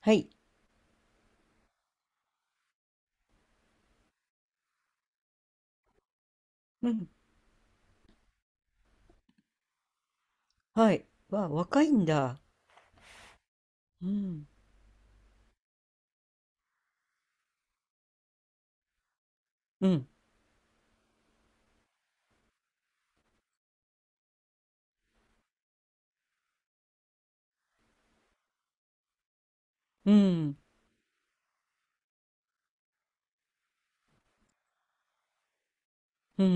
はい。うん。はい。わ、若いんだ。うん。うん。うん。うん。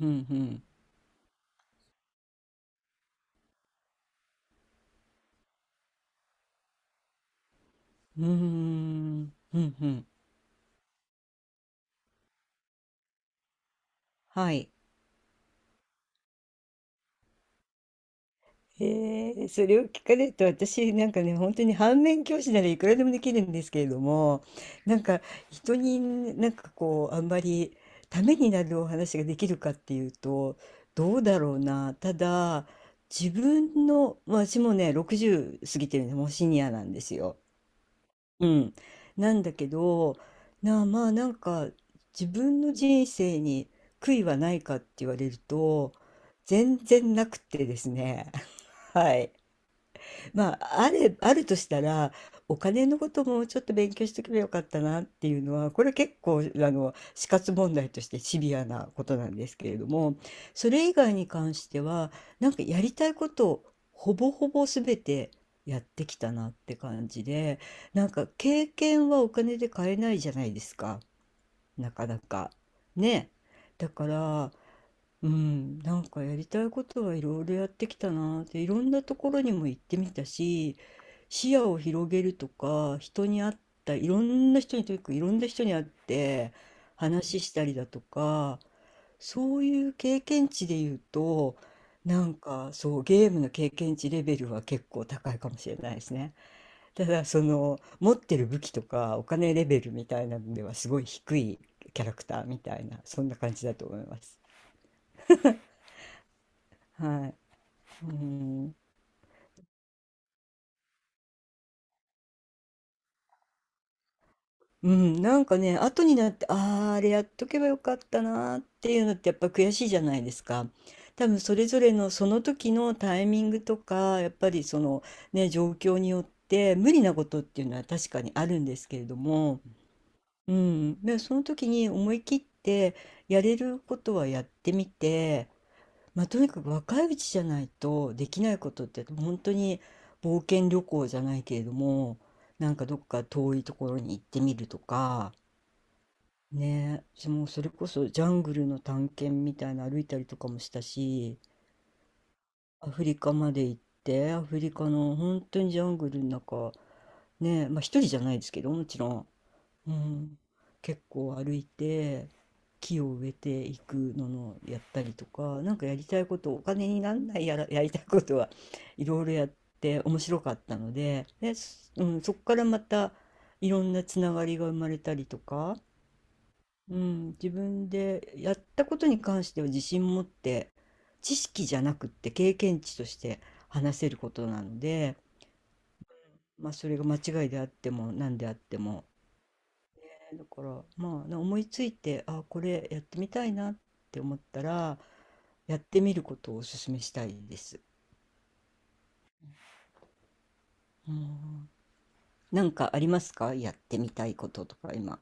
うん。うん。うん。うん。うん。はい。へえ、それを聞かれると私なんかね、本当に反面教師ならいくらでもできるんですけれども、なんか人になんかこう、あんまりためになるお話ができるかっていうと、どうだろうな。ただ、自分の、まあ私もね、60過ぎてるのもうシニアなんですよ。うん。なんだけど、なあ、まあなんか自分の人生に悔いはないかって言われると、全然なくてですね。はい。まあ、あれ、あるとしたら、お金のこともちょっと勉強しておけばよかったなっていうのは、これ結構、死活問題としてシビアなことなんですけれども、それ以外に関しては、なんかやりたいことをほぼほぼ全てやってきたなって感じで、なんか経験はお金で買えないじゃないですか、なかなか。ね。だから、うん、なんかやりたいことはいろいろやってきたなーって、いろんなところにも行ってみたし、視野を広げるとか、人に会ったいろんな人に、とにかくいろんな人に会って話したりだとか、そういう経験値で言うと、なんかそう、ゲームの経験値レベルは結構高いかもしれないですね。ただ、その持ってる武器とかお金レベルみたいなのではすごい低いキャラクターみたいな、そんな感じだと思います。はい。うん、うん、なんかね、後になって、ああ、あれやっとけばよかったなーっていうのってやっぱ悔しいじゃないですか。多分それぞれのその時のタイミングとか、やっぱりそのね、状況によって無理なことっていうのは確かにあるんですけれども、うん、でその時に思い切ってやれることはやってみて、まあ、とにかく若いうちじゃないとできないことって本当に、冒険旅行じゃないけれども、なんかどっか遠いところに行ってみるとかね、もうそれこそジャングルの探検みたいな、歩いたりとかもしたし、アフリカまで行って、アフリカの本当にジャングルの中、ね、まあ一人じゃないですけどもちろん、うん、結構歩いて、木を植えていくののやったりとか、なんかやりたいことお金になんないやら、やりたいことはいろいろやって面白かったので、で、うん、そこからまたいろんなつながりが生まれたりとか、うん、自分でやったことに関しては自信持って、知識じゃなくって経験値として話せることなので、まあ、それが間違いであっても何であっても。だから、まあ、思いついて、あ、これやってみたいなって思ったら、やってみることをお勧めしたいです。うん、なんかありますか、やってみたいこととか今、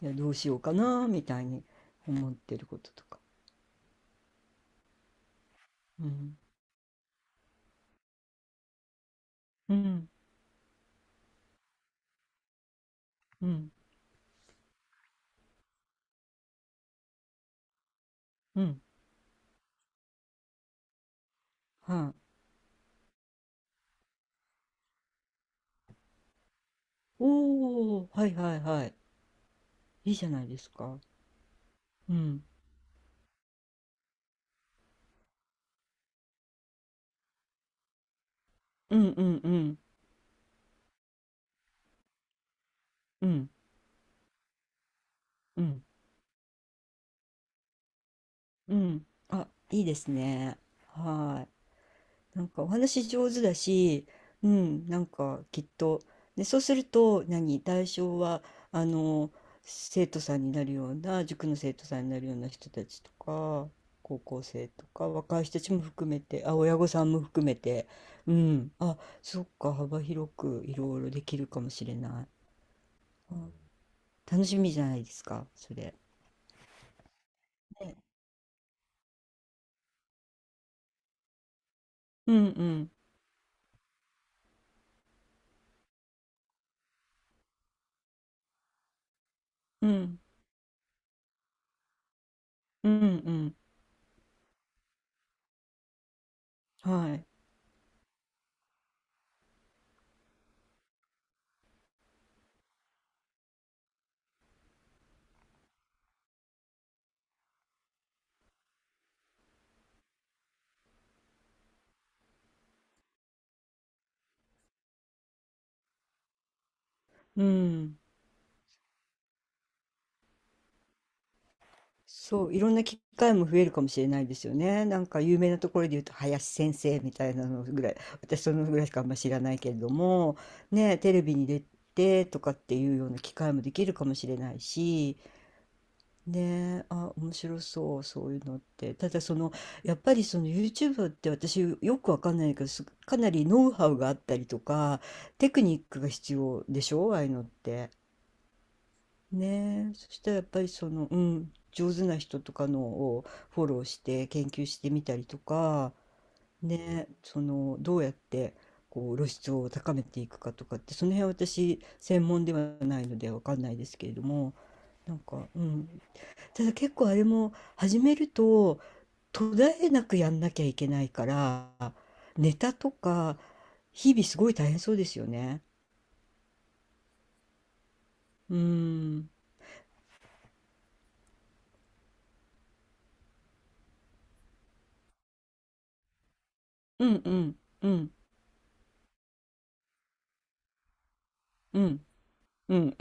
いやどうしようかなみたいに思ってることとか。うん、うん、うん、うん、はい、おお、はい、はい、はい、いいじゃないですか。うん、うん、うん、うん、うん、うん、うん、あ、いいですね。はい。なんかお話上手だし、うん、なんかきっと、で、そうすると、何、対象は、あの、生徒さんになるような、塾の生徒さんになるような人たちとか、高校生とか、若い人たちも含めて、あ、親御さんも含めて、うん、あ、そっか、幅広くいろいろできるかもしれない。あ、楽しみじゃないですか、それ。ね、うん、うん、うん、うん、うん、はい、うん。そう、いろんな機会も増えるかもしれないですよね。なんか有名なところで言うと林先生みたいなのぐらい、私そのぐらいしかあんま知らないけれども、ね、テレビに出てとかっていうような機会もできるかもしれないし、ね、あ、面白そう、そういうのって。ただその、やっぱりその YouTube って私よくわかんないけど、かなりノウハウがあったりとか、テクニックが必要でしょ、ああいうのって。ねえ、そしたらやっぱりその、うん、上手な人とかのをフォローして研究してみたりとか、ねえ、そのどうやってこう露出を高めていくかとかって、その辺は私専門ではないのでわかんないですけれども、なんか、うん、ただ結構あれも始めると途絶えなくやんなきゃいけないから、ネタとか日々すごい大変そうですよね。うん、うん、うん、うん、うん、うん、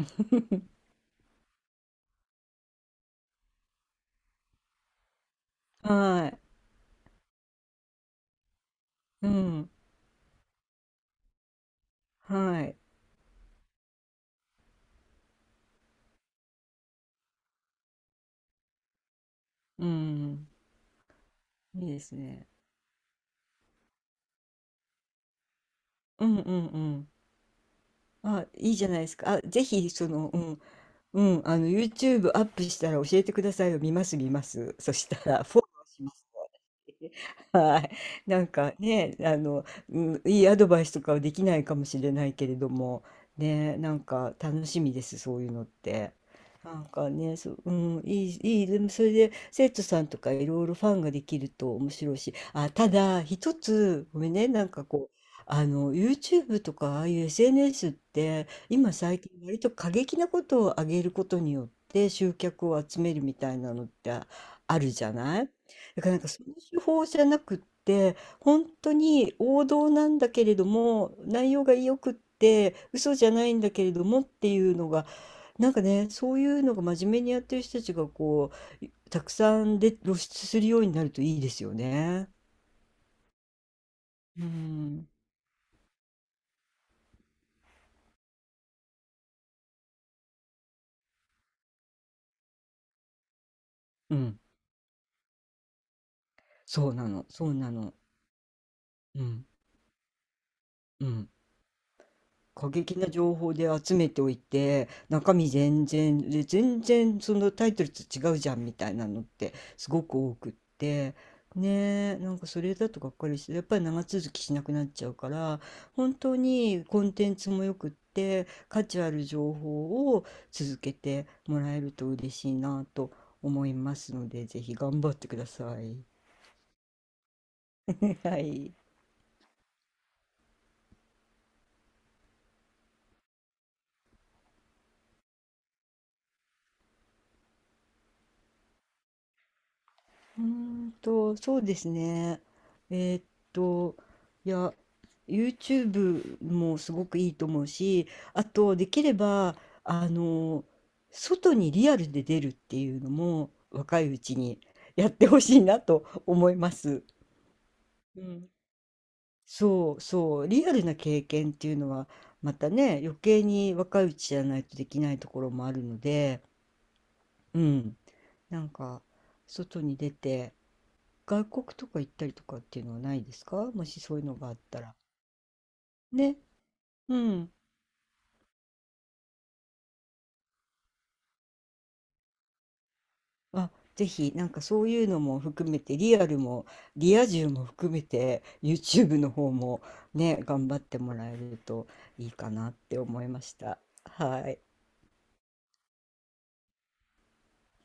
はい。うん。はい。うん。いいですね。うん、うん、うん。あ、いいじゃないですか。あ、ぜひ、その、うん、うん、YouTube アップしたら教えてくださいよ。見ます、見ます。そしたら、フォローします。はい。なんかね、うん、いいアドバイスとかはできないかもしれないけれども、ね、なんか楽しみです、そういうのって。なんかね、そう、うん、いい、いい、でもそれで生徒さんとかいろいろファンができると面白いし、あ、ただ一つ、ごめんね、なんかこう、YouTube とかああいう SNS って今最近割と過激なことを上げることによって集客を集めるみたいなのってあるじゃない。だからなんかその手法じゃなくって、本当に王道なんだけれども、内容が良くって、嘘じゃないんだけれどもっていうのが、なんかね、そういうのが真面目にやってる人たちがこう、たくさんで露出するようになるといいですよね。うん。うん。そうなの、そうなの。うん。うん。過激な情報で集めておいて、中身全然で、全然そのタイトルと違うじゃんみたいなのってすごく多くって、ねえ、なんかそれだとがっかりして、やっぱり長続きしなくなっちゃうから、本当にコンテンツもよくって価値ある情報を続けてもらえると嬉しいなと思いますので、ぜひ頑張ってください。はい。うーそうですね。えーっと、いや、YouTube もすごくいいと思うし、あと、できれば、あの、外にリアルで出るっていうのも、若いうちにやってほしいなと思います。うん。そうそう、リアルな経験っていうのは、またね、余計に若いうちじゃないとできないところもあるので、うん。なんか、外に出て、外国とか行ったりとかっていうのはないですか？もしそういうのがあったら。ね、うん。あ、ぜひ、なんかそういうのも含めて、リアルもリア充も含めて、YouTube の方もね、頑張ってもらえるといいかなって思いました。はい。